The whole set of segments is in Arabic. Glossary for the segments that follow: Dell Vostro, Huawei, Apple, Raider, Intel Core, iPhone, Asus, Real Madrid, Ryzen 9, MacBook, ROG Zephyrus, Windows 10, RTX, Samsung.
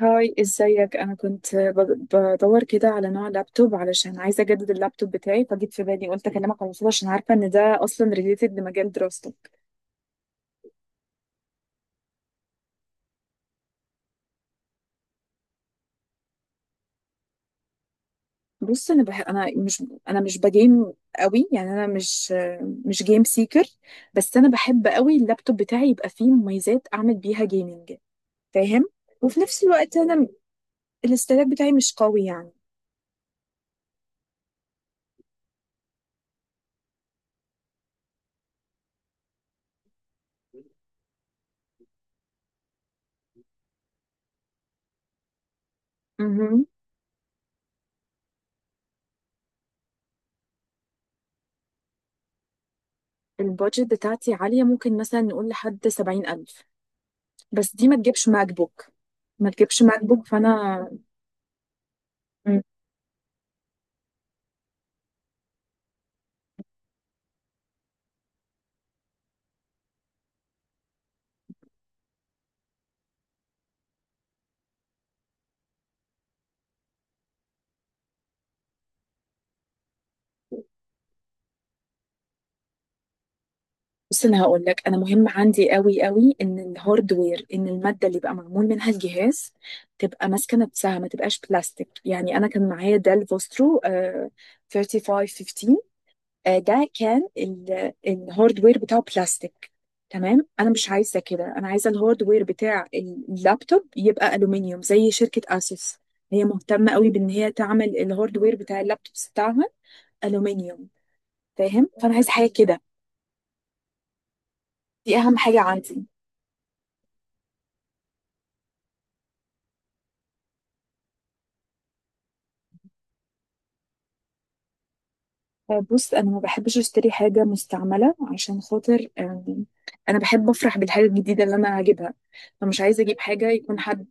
هاي، ازيك؟ انا كنت بدور كده على نوع لابتوب، علشان عايزه اجدد اللابتوب بتاعي، فجيت في بالي قلت اكلمك على الوصول عشان عارفه ان ده اصلا ريليتد لمجال دراستك. بص، انا انا مش بجيم قوي، يعني انا مش جيم سيكر. بس انا بحب قوي اللابتوب بتاعي يبقى فيه مميزات اعمل بيها جيمنج، فاهم؟ وفي نفس الوقت انا الاستهلاك بتاعي مش قوي يعني، مهم. البادجت بتاعتي عالية، ممكن مثلا نقول لحد سبعين ألف، بس دي ما تجيبش ماك بوك. ما تجيبش ماك بوك، فأنا بس انا هقول لك، انا مهم عندي قوي قوي ان الهاردوير، ان الماده اللي بقى معمول منها الجهاز تبقى ماسكه نفسها، ما تبقاش بلاستيك. يعني انا كان معايا ديل فوسترو 3515. ده كان الهاردوير بتاعه بلاستيك. تمام، انا مش عايزه كده، انا عايزه الهاردوير بتاع اللابتوب يبقى الومنيوم زي شركه اسوس. هي مهتمه قوي بان هي تعمل الهاردوير بتاع اللابتوبس بتاعها الومنيوم، فاهم؟ فانا عايزه حاجه كده، دي اهم حاجه عندي. بص، انا ما بحبش اشتري حاجه مستعمله عشان خاطر، انا بحب افرح بالحاجه الجديده اللي انا هجيبها، فمش عايزه اجيب حاجه يكون حد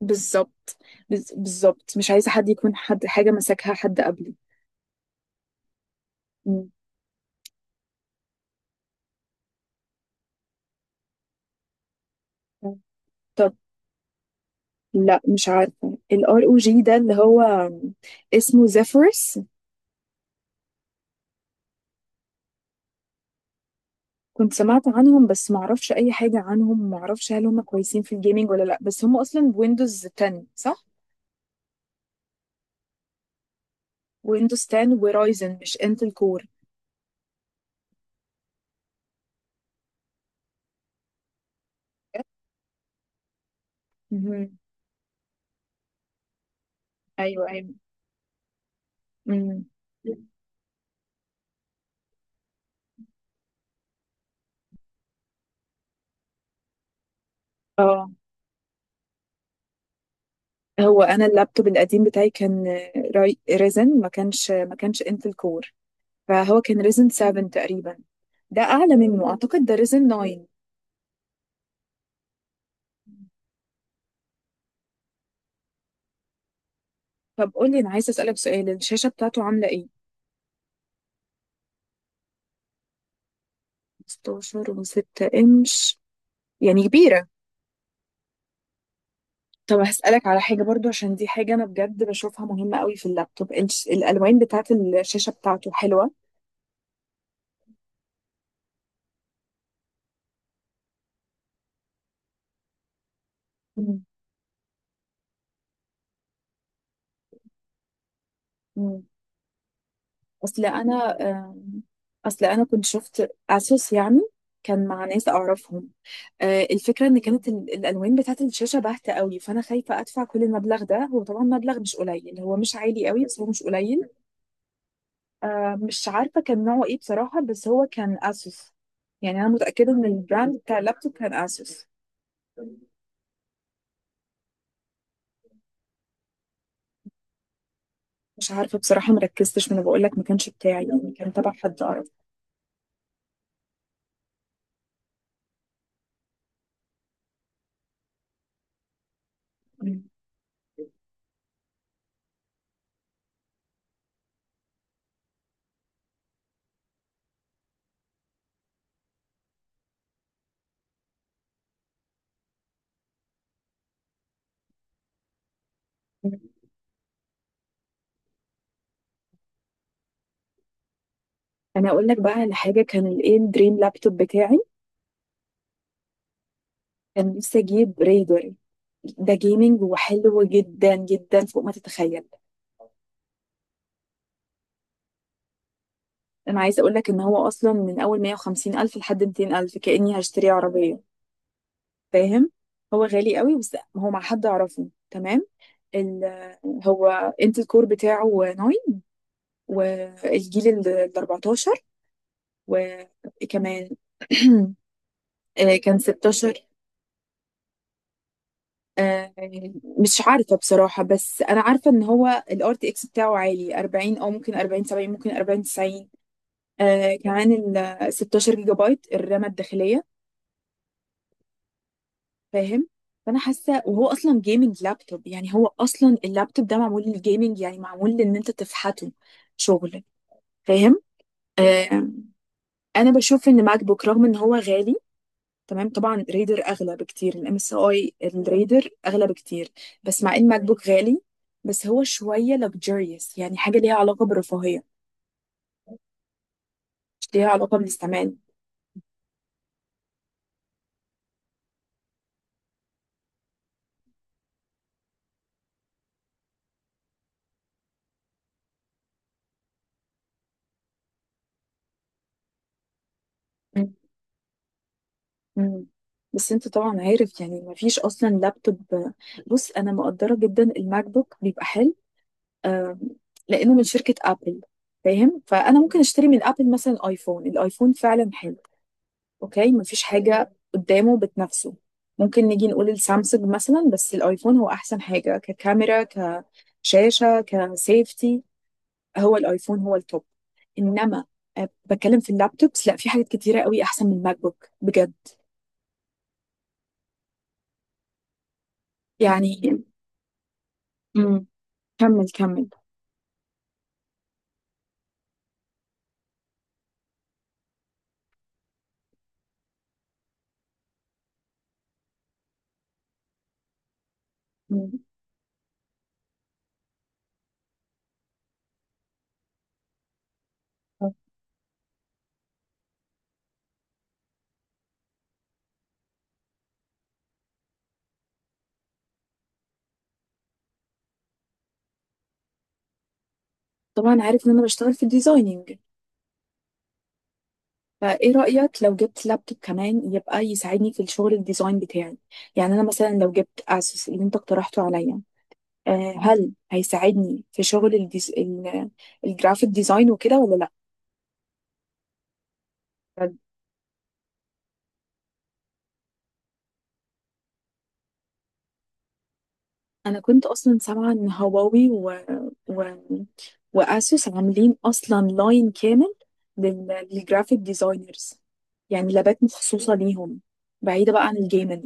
بالظبط. بالظبط مش عايزه حد يكون، حد حاجه مسكها حد قبلي. مم. طب لا، مش عارفه الار او جي ده اللي هو اسمه زيفيرس. كنت سمعت عنهم بس ما اعرفش اي حاجه عنهم، ما اعرفش هل هم كويسين في الجيمنج ولا لا، بس هم اصلا ويندوز 10 صح؟ ويندوز 10 ورايزن، مش انتل كور. ايوه ايوه. امم. اه هو انا اللابتوب القديم بتاعي كان راي ريزن، ما كانش انتل كور، فهو كان ريزن 7 تقريبا. ده اعلى منه، اعتقد ده ريزن 9. طب قول لي، انا عايزه اسالك سؤال، الشاشه بتاعته عامله ايه؟ 16 و6 انش، يعني كبيره. طب هسالك على حاجه برضو، عشان دي حاجه انا بجد بشوفها مهمه قوي في اللابتوب، الالوان بتاعت الشاشه بتاعته حلوه؟ مم. اصل انا آم، اصل انا كنت شفت اسوس يعني، كان مع ناس اعرفهم، الفكره ان كانت الالوان بتاعت الشاشه باهته قوي، فانا خايفه ادفع كل المبلغ ده. هو طبعا مبلغ مش قليل، هو مش عالي قوي بس هو مش قليل. مش عارفه كان نوعه ايه بصراحه، بس هو كان اسوس. يعني انا متاكده ان البراند بتاع اللابتوب كان اسوس. مش عارفه بصراحه، مركزتش، ما انا بقول لك ما كانش بتاعي، يعني كان تبع حد اعرف. انا اقول لك بقى على حاجه، كان الايه، الدريم لابتوب بتاعي، كان نفسي اجيب ريدر. ده جيمنج وحلو جدا جدا، فوق ما تتخيل. انا عايزه اقول لك ان هو اصلا من اول 150 الف لحد 200 الف، كاني هشتري عربيه، فاهم؟ هو غالي قوي بس هو مع حد اعرفه تمام. ال هو، انت الكور بتاعه ناين، والجيل ال 14، وكمان كان 16. آه، مش عارفة بصراحة، بس أنا عارفة إن هو ال RTX بتاعه عالي 40، أو ممكن 40 70، ممكن 40 90. كمان ال 16 جيجا بايت الرامة الداخلية، فاهم؟ فأنا حاسة، وهو أصلا جيمنج لابتوب، يعني هو أصلا اللابتوب ده معمول للجيمنج، يعني معمول لإن أنت تفحته شغل، فاهم؟ آه أنا بشوف إن ماك بوك رغم إن هو غالي، تمام طبعا ريدر اغلى بكتير، الام اس اي الريدر اغلى بكتير، بس مع ان ماك بوك غالي، بس هو شويه luxurious، يعني حاجه ليها علاقه بالرفاهيه، مش ليها علاقه بالاستعمال. مم. بس انت طبعا عارف، يعني مفيش اصلا لابتوب. بص انا مقدره جدا الماك بوك بيبقى حلو، آم، لانه من شركه ابل، فاهم؟ فانا ممكن اشتري من ابل مثلا ايفون، الايفون فعلا حلو، اوكي، مفيش حاجه قدامه بتنافسه. ممكن نيجي نقول السامسونج مثلا، بس الايفون هو احسن حاجه، ككاميرا، كشاشه، كسيفتي، هو الايفون هو التوب. انما بتكلم في اللابتوبس، لا، في حاجات كتيره قوي احسن من الماك بوك بجد، يعني. مم. كمل كمل. مم. طبعا عارف ان انا بشتغل في الديزايننج، فايه رأيك لو جبت لابتوب كمان يبقى يساعدني في الشغل الديزاين بتاعي؟ يعني انا مثلا لو جبت اسوس اللي انت اقترحته عليا، هل هيساعدني في شغل الجرافيك ديزاين وكده ولا لا؟ انا كنت اصلا سامعة ان هواوي و... واسوس عاملين اصلا لاين كامل للجرافيك ديزاينرز، يعني لابات مخصوصة ليهم بعيدة بقى عن الجيمنج.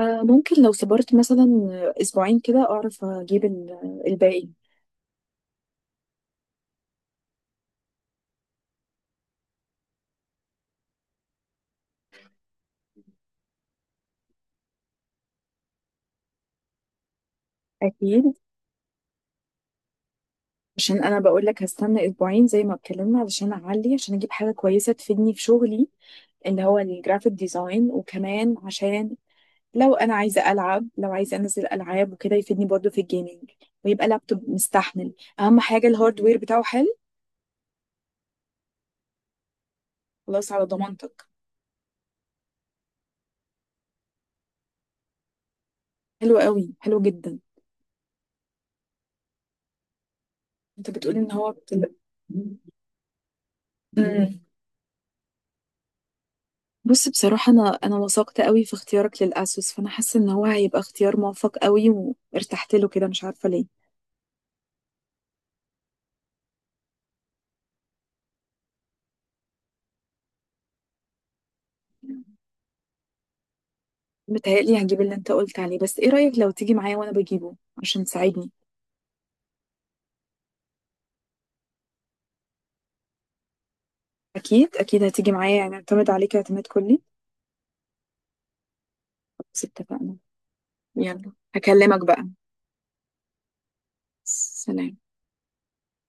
ممكن لو صبرت مثلا اسبوعين كده اعرف اجيب الباقي. اكيد، عشان انا بقول لك هستنى اسبوعين زي ما اتكلمنا، علشان اعلي عشان اجيب حاجه كويسه تفيدني في شغلي اللي هو الجرافيك ديزاين، وكمان عشان لو انا عايزه العب، لو عايزه انزل العاب وكده يفيدني برضه في الجيمنج، ويبقى لابتوب مستحمل. اهم حاجه الهاردوير بتاعه حلو. خلاص، على ضمانتك. حلو قوي، حلو جدا. انت بتقولي ان هو بص بصراحة أنا وثقت قوي في اختيارك للأسوس، فأنا حاسة إن هو هيبقى اختيار موفق قوي، وارتحت له كده مش عارفة ليه. متهيألي هجيب اللي أنت قلت عليه، بس إيه رأيك لو تيجي معايا وأنا بجيبه عشان تساعدني؟ أكيد أكيد، هتيجي معايا يعني، أعتمد عليك اعتماد كلي. بس اتفقنا؟ يلا، هكلمك بقى. سلام.